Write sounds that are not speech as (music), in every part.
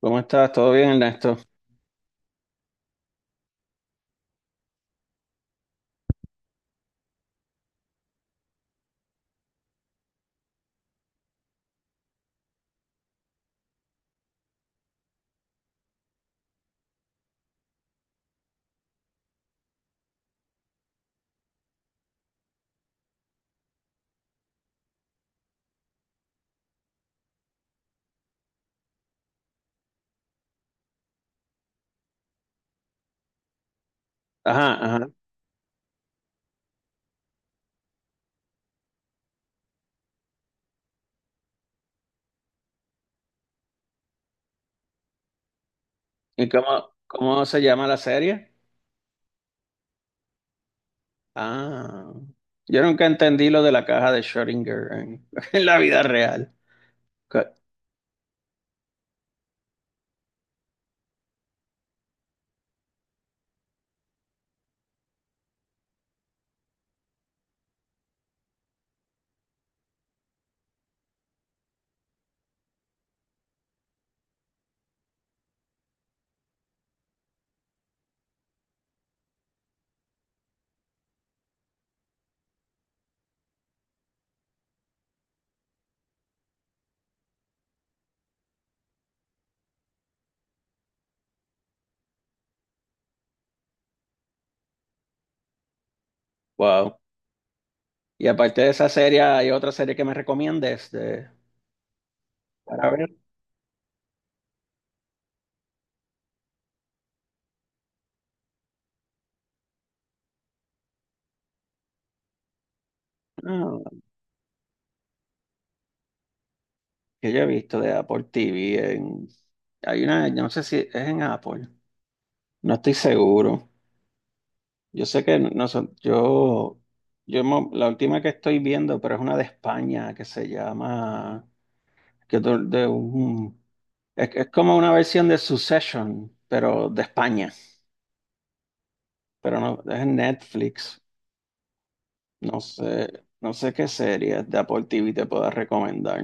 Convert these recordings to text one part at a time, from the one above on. ¿Cómo estás? ¿Todo bien, Ernesto? Ajá, ajá. ¿Y cómo se llama la serie? Ah, yo nunca entendí lo de la caja de Schrödinger en, (laughs) en la vida real. Co- Wow. Y aparte de esa serie, ¿hay otra serie que me recomiendes de, para ver? Ah, que yo he visto de Apple TV en, hay una, no sé si es en Apple, no estoy seguro. Yo sé que no son, yo mo- la última que estoy viendo, pero es una de España que se llama que to- de un- es como una versión de Succession, pero de España, pero no, es en Netflix. No sé qué series de Apple TV te puedo recomendar.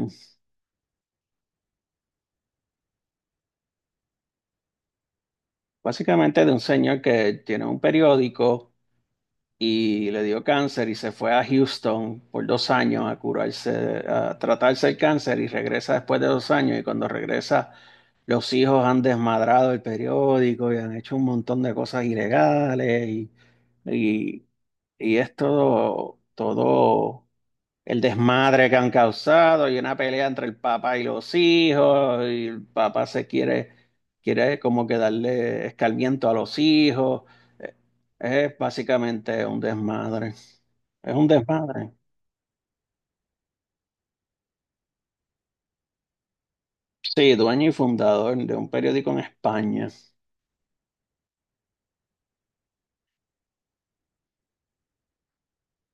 Básicamente de un señor que tiene un periódico y le dio cáncer y se fue a Houston por dos años a curarse, a tratarse el cáncer y regresa después de dos años y cuando regresa los hijos han desmadrado el periódico y han hecho un montón de cosas ilegales y, y es todo el desmadre que han causado y una pelea entre el papá y los hijos y el papá se quiere, quiere como que darle escarmiento a los hijos. Eh, Es básicamente un desmadre. Es un desmadre. Sí, dueño y fundador de un periódico en España.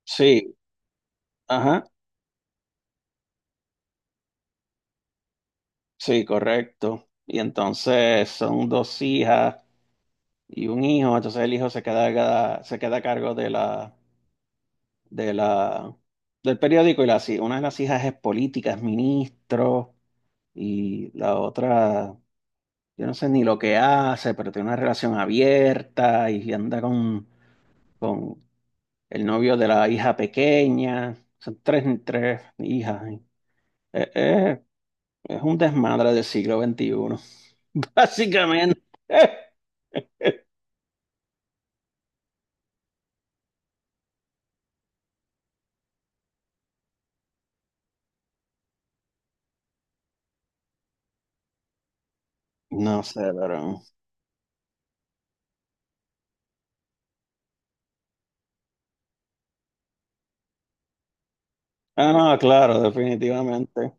Sí, ajá, sí, correcto. Y entonces son dos hijas y un hijo, entonces el hijo se queda a cargo de la, del periódico y las, hij- una de las hijas es política, es ministro, y la otra, yo no sé ni lo que hace, pero tiene una relación abierta y anda con el novio de la hija pequeña, son tres, tres hijas. Y- eh, eh, es un desmadre del siglo veintiuno (laughs) básicamente. (laughs) No sé, pero... Ah, no, claro, definitivamente.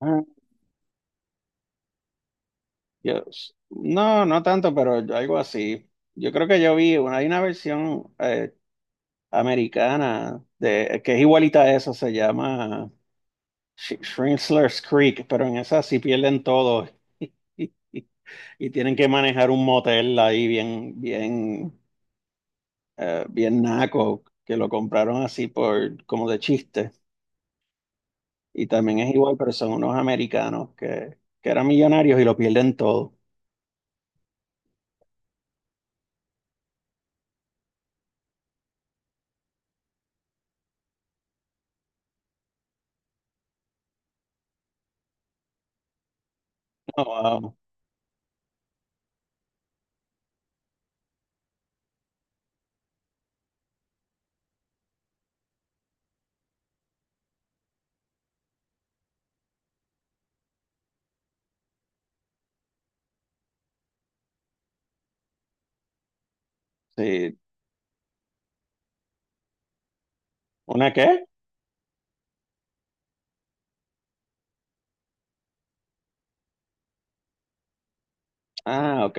Ah, yo, no, no tanto, pero algo así. Yo creo que yo vi, una- hay una versión americana de, que es igualita a eso, se llama Sh- Shrintzler's Creek, pero en esa sí pierden todo (laughs) y tienen que manejar un motel ahí bien naco, que lo compraron así por, como de chiste. Y también es igual, pero son unos americanos que eran millonarios y lo pierden todo. Oh, wow. Sí. ¿Una qué? Ah, ok.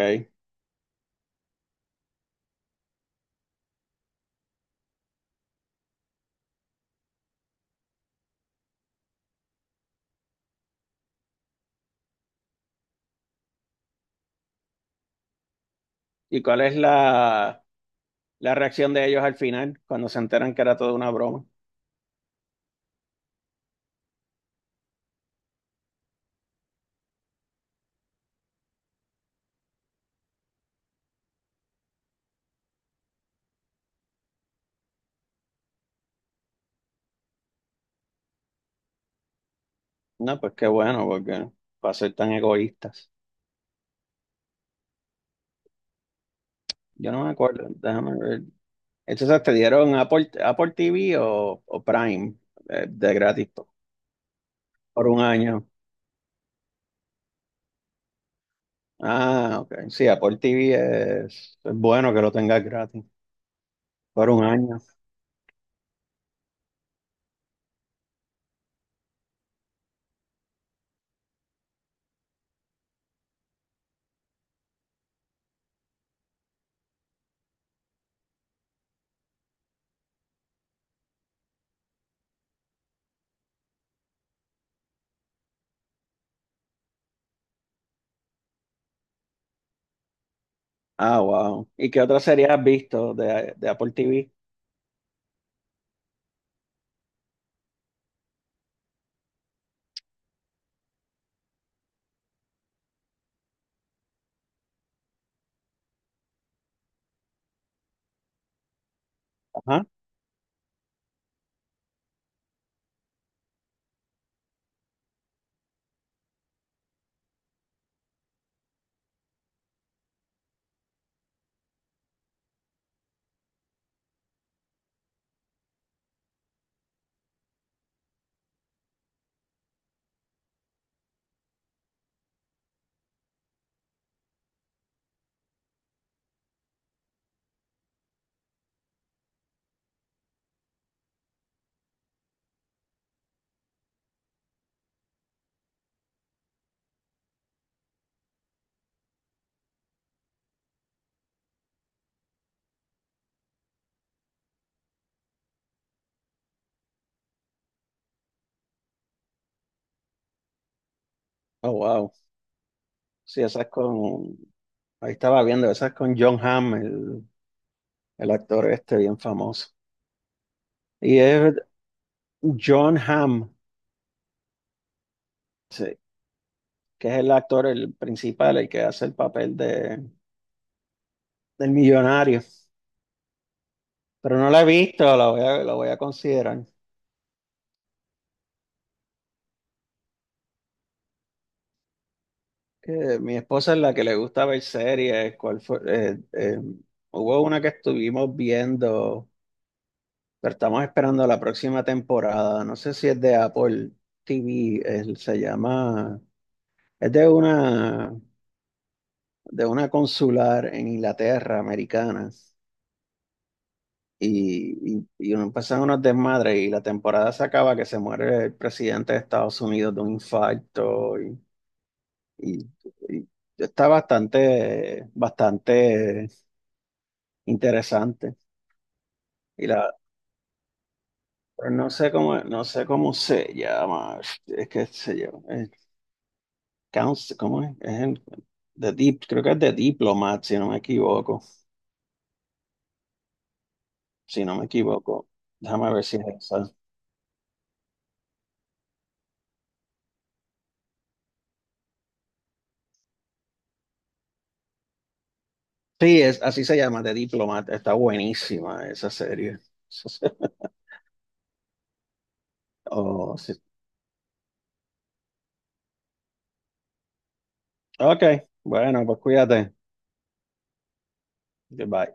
¿Y cuál es la, la reacción de ellos al final cuando se enteran que era toda una broma? No, pues qué bueno, porque para ser tan egoístas. Yo no me acuerdo, déjame ver. Entonces te dieron Apple, Apple TV o Prime de, gratis po- por un año. Ah, ok. Sí, Apple TV es bueno que lo tengas gratis por un año. Ah, wow. ¿Y qué otra serie has visto de Apple TV? Ajá. Oh, wow. Sí, esa es con, ahí estaba viendo, esa es con John Hamm, el actor este bien famoso. Y es John Hamm, sí, que es el actor, el principal, el que hace el papel de, del millonario. Pero no la he visto, la voy a considerar. Que mi esposa es la que le gusta ver series. ¿Cuál fue? Hubo una que estuvimos viendo, pero estamos esperando la próxima temporada. No sé si es de Apple TV, se llama... Es de una consular en Inglaterra, americana, y uno empezaron unos desmadres y la temporada se acaba que se muere el presidente de Estados Unidos de un infarto y- y está bastante interesante. Y la, pero no sé cómo se llama, es que se llama, Counsel- ¿cómo es? Es el- The deep creo que es de Diplomat, si no me equivoco. Déjame ver si es esa. Sí, es, así se llama, The Diplomat. Está buenísima esa serie. (laughs) Oh, sí. Ok, bueno, pues cuídate. Goodbye.